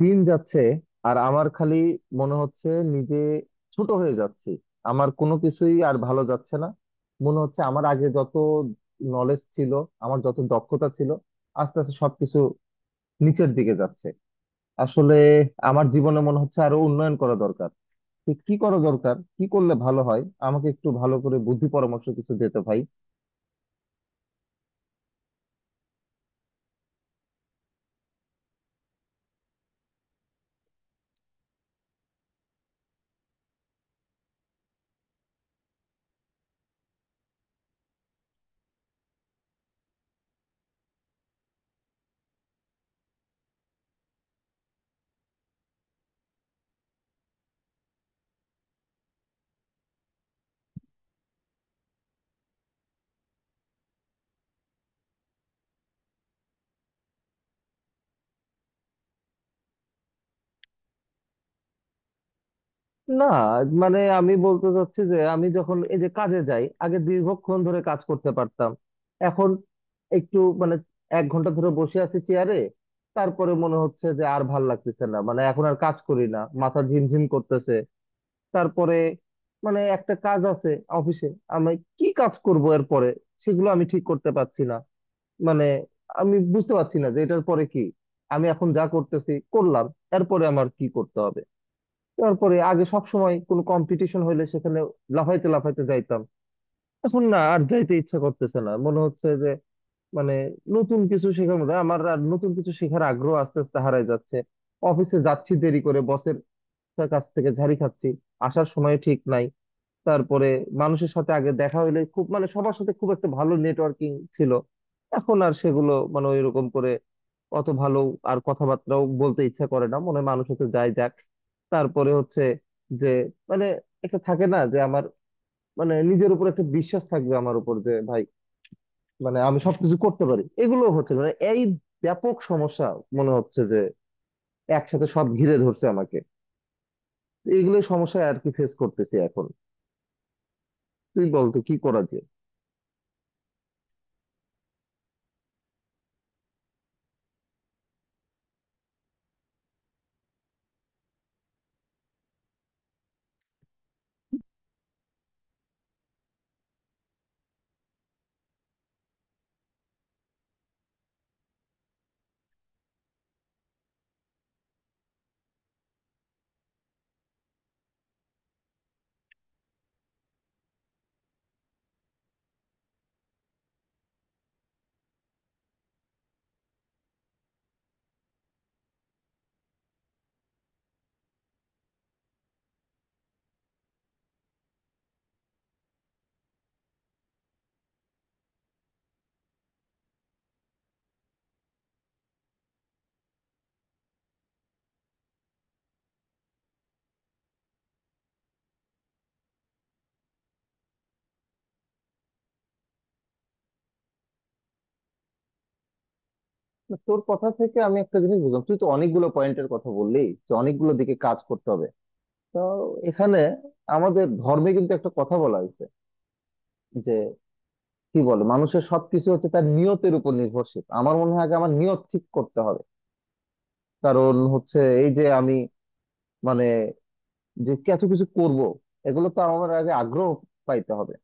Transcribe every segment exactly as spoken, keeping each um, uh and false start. দিন যাচ্ছে আর আমার খালি মনে হচ্ছে নিজে ছোট হয়ে যাচ্ছি। আমার কোনো কিছুই আর ভালো যাচ্ছে না, মনে হচ্ছে আমার আগে যত নলেজ ছিল, আমার যত দক্ষতা ছিল, আস্তে আস্তে সবকিছু নিচের দিকে যাচ্ছে। আসলে আমার জীবনে মনে হচ্ছে আরো উন্নয়ন করা দরকার। তো কি করা দরকার, কি করলে ভালো হয়, আমাকে একটু ভালো করে বুদ্ধি পরামর্শ কিছু দিতে ভাই। না, মানে আমি বলতে চাচ্ছি যে আমি যখন এই যে কাজে যাই, আগে দীর্ঘক্ষণ ধরে কাজ করতে পারতাম, এখন একটু মানে এক ঘন্টা ধরে বসে আছি চেয়ারে, তারপরে মনে হচ্ছে যে আর ভাল লাগতেছে না, মানে এখন আর কাজ করি না, মাথা ঝিমঝিম করতেছে। তারপরে মানে একটা কাজ আছে অফিসে, আমি কি কাজ করব এরপরে সেগুলো আমি ঠিক করতে পারছি না। মানে আমি বুঝতে পারছি না যে এটার পরে কি, আমি এখন যা করতেছি করলাম, এরপরে আমার কি করতে হবে। তারপরে আগে সব সময় কোনো কম্পিটিশন হইলে সেখানে লাফাইতে লাফাইতে যাইতাম, এখন না আর যাইতে ইচ্ছা করতেছে না। মনে হচ্ছে যে মানে নতুন কিছু শেখার মধ্যে আমার আর নতুন কিছু শেখার আগ্রহ আস্তে আস্তে হারাই যাচ্ছে। অফিসে যাচ্ছি দেরি করে, বসের কাছ থেকে ঝাড়ি খাচ্ছি, আসার সময় ঠিক নাই। তারপরে মানুষের সাথে আগে দেখা হইলে খুব মানে সবার সাথে খুব একটা ভালো নেটওয়ার্কিং ছিল, এখন আর সেগুলো মানে ওইরকম করে অত ভালো আর কথাবার্তাও বলতে ইচ্ছা করে না, মনে হয় মানুষ হতে যায় যাক। তারপরে হচ্ছে যে মানে একটা থাকে না যে আমার, মানে নিজের উপর একটা বিশ্বাস থাকবে আমার উপর যে ভাই, মানে আমি সবকিছু করতে পারি, এগুলো হচ্ছে না। মানে এই ব্যাপক সমস্যা, মনে হচ্ছে যে একসাথে সব ঘিরে ধরছে আমাকে। এগুলো সমস্যা আর কি ফেস করতেছি এখন, তুই বলতো কি করা যায়। না, তোর কথা থেকে আমি একটা জিনিস বুঝলাম, তুই তো অনেকগুলো পয়েন্টের কথা বললি যে অনেকগুলো দিকে কাজ করতে হবে। তো এখানে আমাদের ধর্মে কিন্তু একটা কথা বলা হয়েছে যে কি বলে, মানুষের সবকিছু হচ্ছে তার নিয়তের উপর নির্ভরশীল। আমার মনে হয় আগে আমার নিয়ত ঠিক করতে হবে। কারণ হচ্ছে এই যে আমি মানে যে এত কিছু করব, এগুলো তো আমার আগে আগ্রহ পাইতে হবে।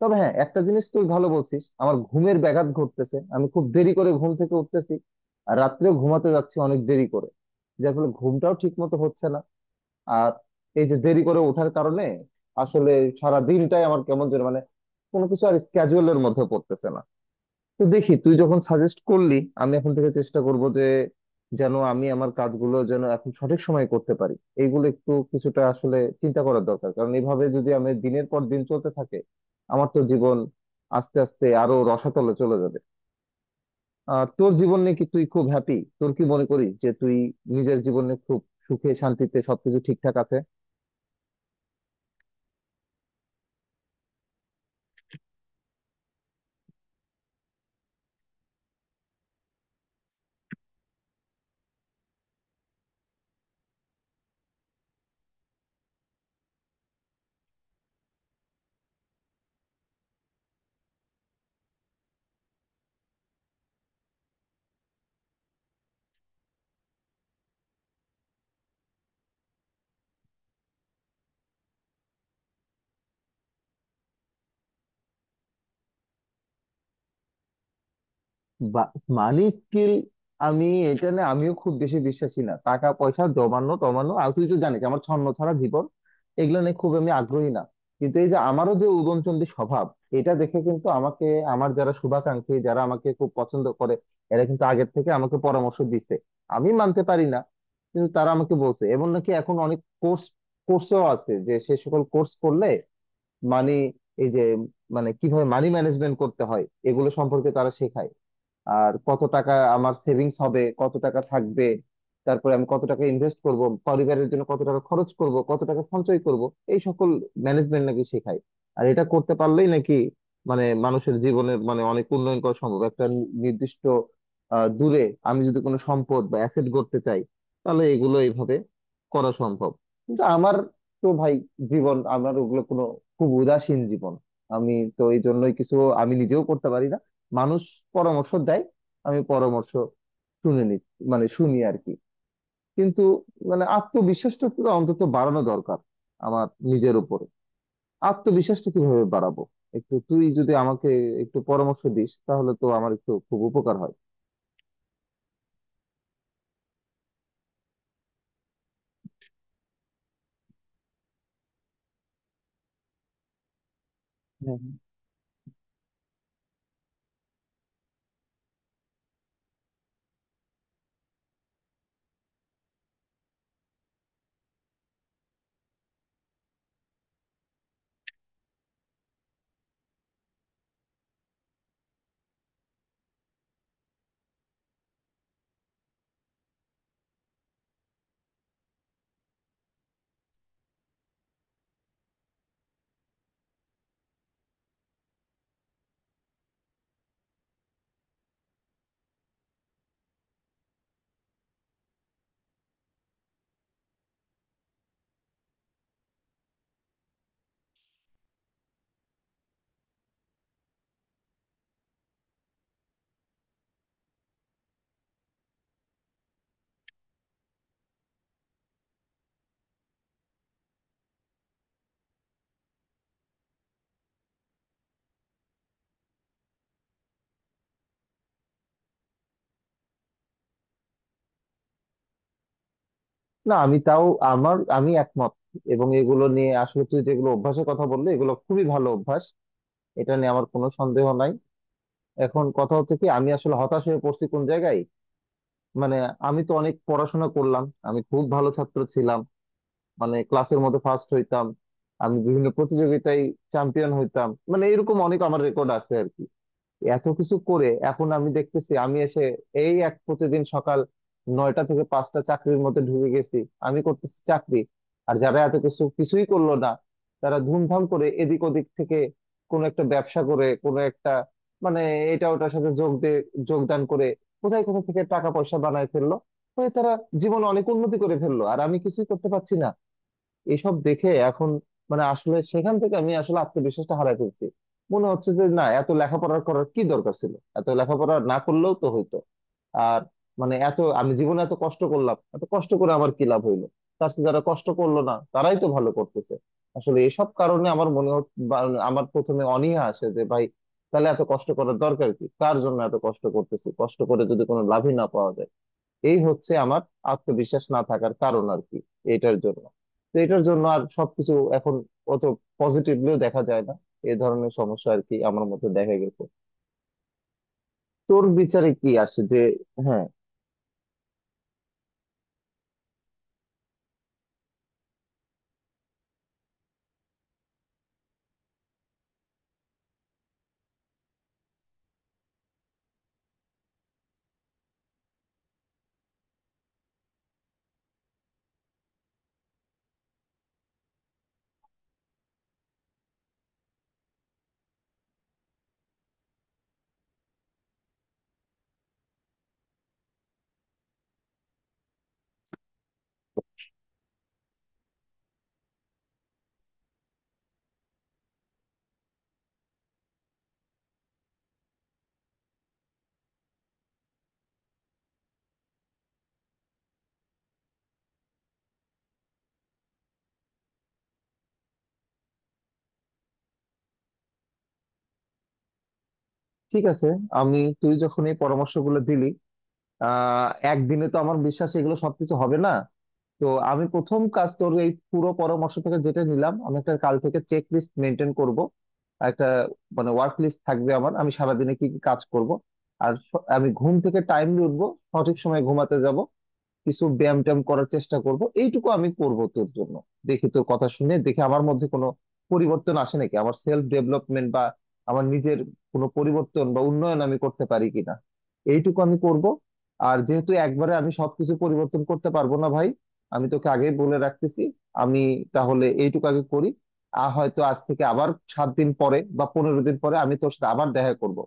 তবে হ্যাঁ, একটা জিনিস তুই ভালো বলছিস, আমার ঘুমের ব্যাঘাত ঘটতেছে, আমি খুব দেরি করে ঘুম থেকে উঠতেছি, আর রাত্রেও ঘুমাতে যাচ্ছি অনেক দেরি করে, যার ফলে ঘুমটাও ঠিক মতো হচ্ছে না। আর এই যে দেরি করে ওঠার কারণে আসলে সারা দিনটাই আমার কেমন যেন, মানে কোনো কিছু আর স্ক্যাজুয়ালের মধ্যে পড়তেছে না। তো দেখি, তুই যখন সাজেস্ট করলি, আমি এখন থেকে চেষ্টা করব যে যেন আমি আমার কাজগুলো যেন এখন সঠিক সময়ে করতে পারি। এইগুলো একটু কিছুটা আসলে চিন্তা করার দরকার, কারণ এইভাবে যদি আমি দিনের পর দিন চলতে থাকে, আমার তো জীবন আস্তে আস্তে আরো রসাতলে চলে যাবে। আর তোর জীবন নিয়ে কি তুই খুব হ্যাপি? তোর কি মনে করিস যে তুই নিজের জীবনে খুব সুখে শান্তিতে সবকিছু ঠিকঠাক আছে? বা- মানি স্কিল, আমি এটা না, আমিও খুব বেশি বিশ্বাসী না টাকা পয়সা জমানো টমানো, আর তুই তো জানিস আমার ছন্ন ছাড়া জীবন, এগুলো নিয়ে খুব আমি আগ্রহী না। কিন্তু এই যে আমারও যে উদয়নচন্দ্রী স্বভাব, এটা দেখে কিন্তু আমাকে, আমার যারা শুভাকাঙ্ক্ষী, যারা আমাকে খুব পছন্দ করে, এরা কিন্তু আগের থেকে আমাকে পরামর্শ দিছে, আমি মানতে পারি না। কিন্তু তারা আমাকে বলছে এমন নাকি এখন অনেক কোর্স কোর্সও আছে যে সে সকল কোর্স করলে মানি, এই যে মানে কিভাবে মানি ম্যানেজমেন্ট করতে হয় এগুলো সম্পর্কে তারা শেখায়। আর কত টাকা আমার সেভিংস হবে, কত টাকা থাকবে, তারপরে আমি কত টাকা ইনভেস্ট করব, পরিবারের জন্য কত টাকা খরচ করব, কত টাকা সঞ্চয় করব, এই সকল ম্যানেজমেন্ট নাকি শেখায়। আর এটা করতে পারলেই নাকি মানে মানুষের জীবনে মানে অনেক উন্নয়ন করা সম্ভব, একটা নি- নির্দিষ্ট আহ, দূরে আমি যদি কোনো সম্পদ বা অ্যাসেট গড়তে চাই, তাহলে এগুলো এইভাবে করা সম্ভব। কিন্তু আমার তো ভাই জীবন, আমার ওগুলো কোনো, খুব উদাসীন জীবন আমি, তো এই জন্যই কিছু আমি নিজেও করতে পারি না। মানুষ পরামর্শ দেয়, আমি পরামর্শ শুনে নি, মানে শুনি আর কি, কিন্তু মানে আত্মবিশ্বাসটা তো অন্তত বাড়ানো দরকার আমার, নিজের উপরে আত্মবিশ্বাসটা কিভাবে বাড়াবো, একটু তুই যদি আমাকে একটু পরামর্শ দিস, তাহলে তো আমার একটু খুব উপকার হয়। হ্যাঁ। না, আমি তাও আমার আমি একমত, এবং এগুলো নিয়ে আসলে তুই যেগুলো অভ্যাসের কথা বললি, এগুলো খুবই ভালো অভ্যাস, এটা নিয়ে আমার কোনো সন্দেহ নাই। এখন কথা হচ্ছে কি, আমি আসলে হতাশ হয়ে পড়ছি কোন জায়গায়, মানে আমি তো অনেক পড়াশোনা করলাম, আমি খুব ভালো ছাত্র ছিলাম, মানে ক্লাসের মধ্যে ফার্স্ট হইতাম, আমি বিভিন্ন প্রতিযোগিতায় চ্যাম্পিয়ন হইতাম, মানে এরকম অনেক আমার রেকর্ড আছে আর কি। এত কিছু করে এখন আমি দেখতেছি আমি এসে এই এক প্রতিদিন সকাল নয়টা থেকে পাঁচটা চাকরির মধ্যে ঢুকে গেছি, আমি করতেছি চাকরি। আর যারা এত কিছু কিছুই করলো না, তারা ধুমধাম করে এদিক ওদিক থেকে কোনো একটা ব্যবসা করে, কোনো একটা মানে এটা ওটার সাথে যোগ দিয়ে যোগদান করে কোথায় কোথা থেকে টাকা পয়সা বানায় ফেললো, হয়ে তারা জীবনে অনেক উন্নতি করে ফেললো। আর আমি কিছুই করতে পারছি না, এসব দেখে এখন মানে আসলে সেখান থেকে আমি আসলে আত্মবিশ্বাসটা হারাই ফেলছি। মনে হচ্ছে যে না, এত লেখাপড়া করার কি দরকার ছিল, এত লেখাপড়া না করলেও তো হইতো। আর মানে এত আমি জীবনে এত কষ্ট করলাম, এত কষ্ট করে আমার কি লাভ হইলো, তার চেয়ে যারা কষ্ট করলো না তারাই তো ভালো করতেছে। আসলে এসব কারণে আমার মনে হচ্ছে, আমার প্রথমে অনীহা আসে যে ভাই, তাহলে এত কষ্ট করার দরকার কি, কার জন্য এত কষ্ট করতেছি, কষ্ট করে যদি কোনো লাভই না পাওয়া যায়। এই হচ্ছে আমার আত্মবিশ্বাস না থাকার কারণ আর কি, এটার জন্য, তো এটার জন্য আর সবকিছু এখন অত পজিটিভলিও দেখা যায় না। এই ধরনের সমস্যা আর কি আমার মধ্যে দেখা গেছে, তোর বিচারে কি আসে যে। হ্যাঁ, ঠিক আছে। আমি, তুই যখন এই পরামর্শগুলো দিলি, আহ একদিনে তো আমার বিশ্বাস এগুলো সবকিছু হবে না। তো আমি প্রথম কাজ তোর এই পুরো পরামর্শ থেকে যেটা নিলাম, আমি একটা কাল থেকে চেক লিস্ট মেনটেন করব, একটা মানে ওয়ার্ক লিস্ট থাকবে আমার, আমি সারাদিনে কি কি কাজ করব। আর স- আমি ঘুম থেকে টাইমলি উঠবো, সঠিক সময় ঘুমাতে যাব, কিছু ব্যায়াম ট্যায়াম করার চেষ্টা করব, এইটুকু আমি করব তোর জন্য। দেখি তোর কথা শুনে দেখি আমার মধ্যে কোনো পরিবর্তন আসে নাকি, আমার সেলফ ডেভেলপমেন্ট বা আমার নিজের কোনো পরিবর্তন বা উন্নয়ন আমি করতে পারি কিনা, এইটুকু আমি করব। আর যেহেতু একবারে আমি সবকিছু পরিবর্তন করতে পারবো না ভাই, আমি তোকে আগেই বলে রাখতেছি, আমি তাহলে এইটুকু আগে করি। আর হয়তো আজ থেকে আবার সাত দিন পরে বা পনেরো দিন পরে আমি তোর সাথে আবার দেখা করব,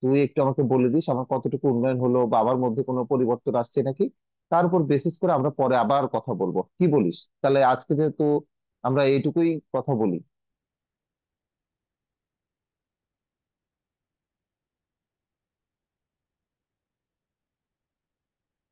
তুই একটু আমাকে বলে দিস আমার কতটুকু উন্নয়ন হলো বা আমার মধ্যে কোনো পরিবর্তন আসছে নাকি। তার উপর বেসিস করে আমরা পরে আবার কথা বলবো, কি বলিস, তাহলে আজকে যেহেতু আমরা এইটুকুই কথা বলি।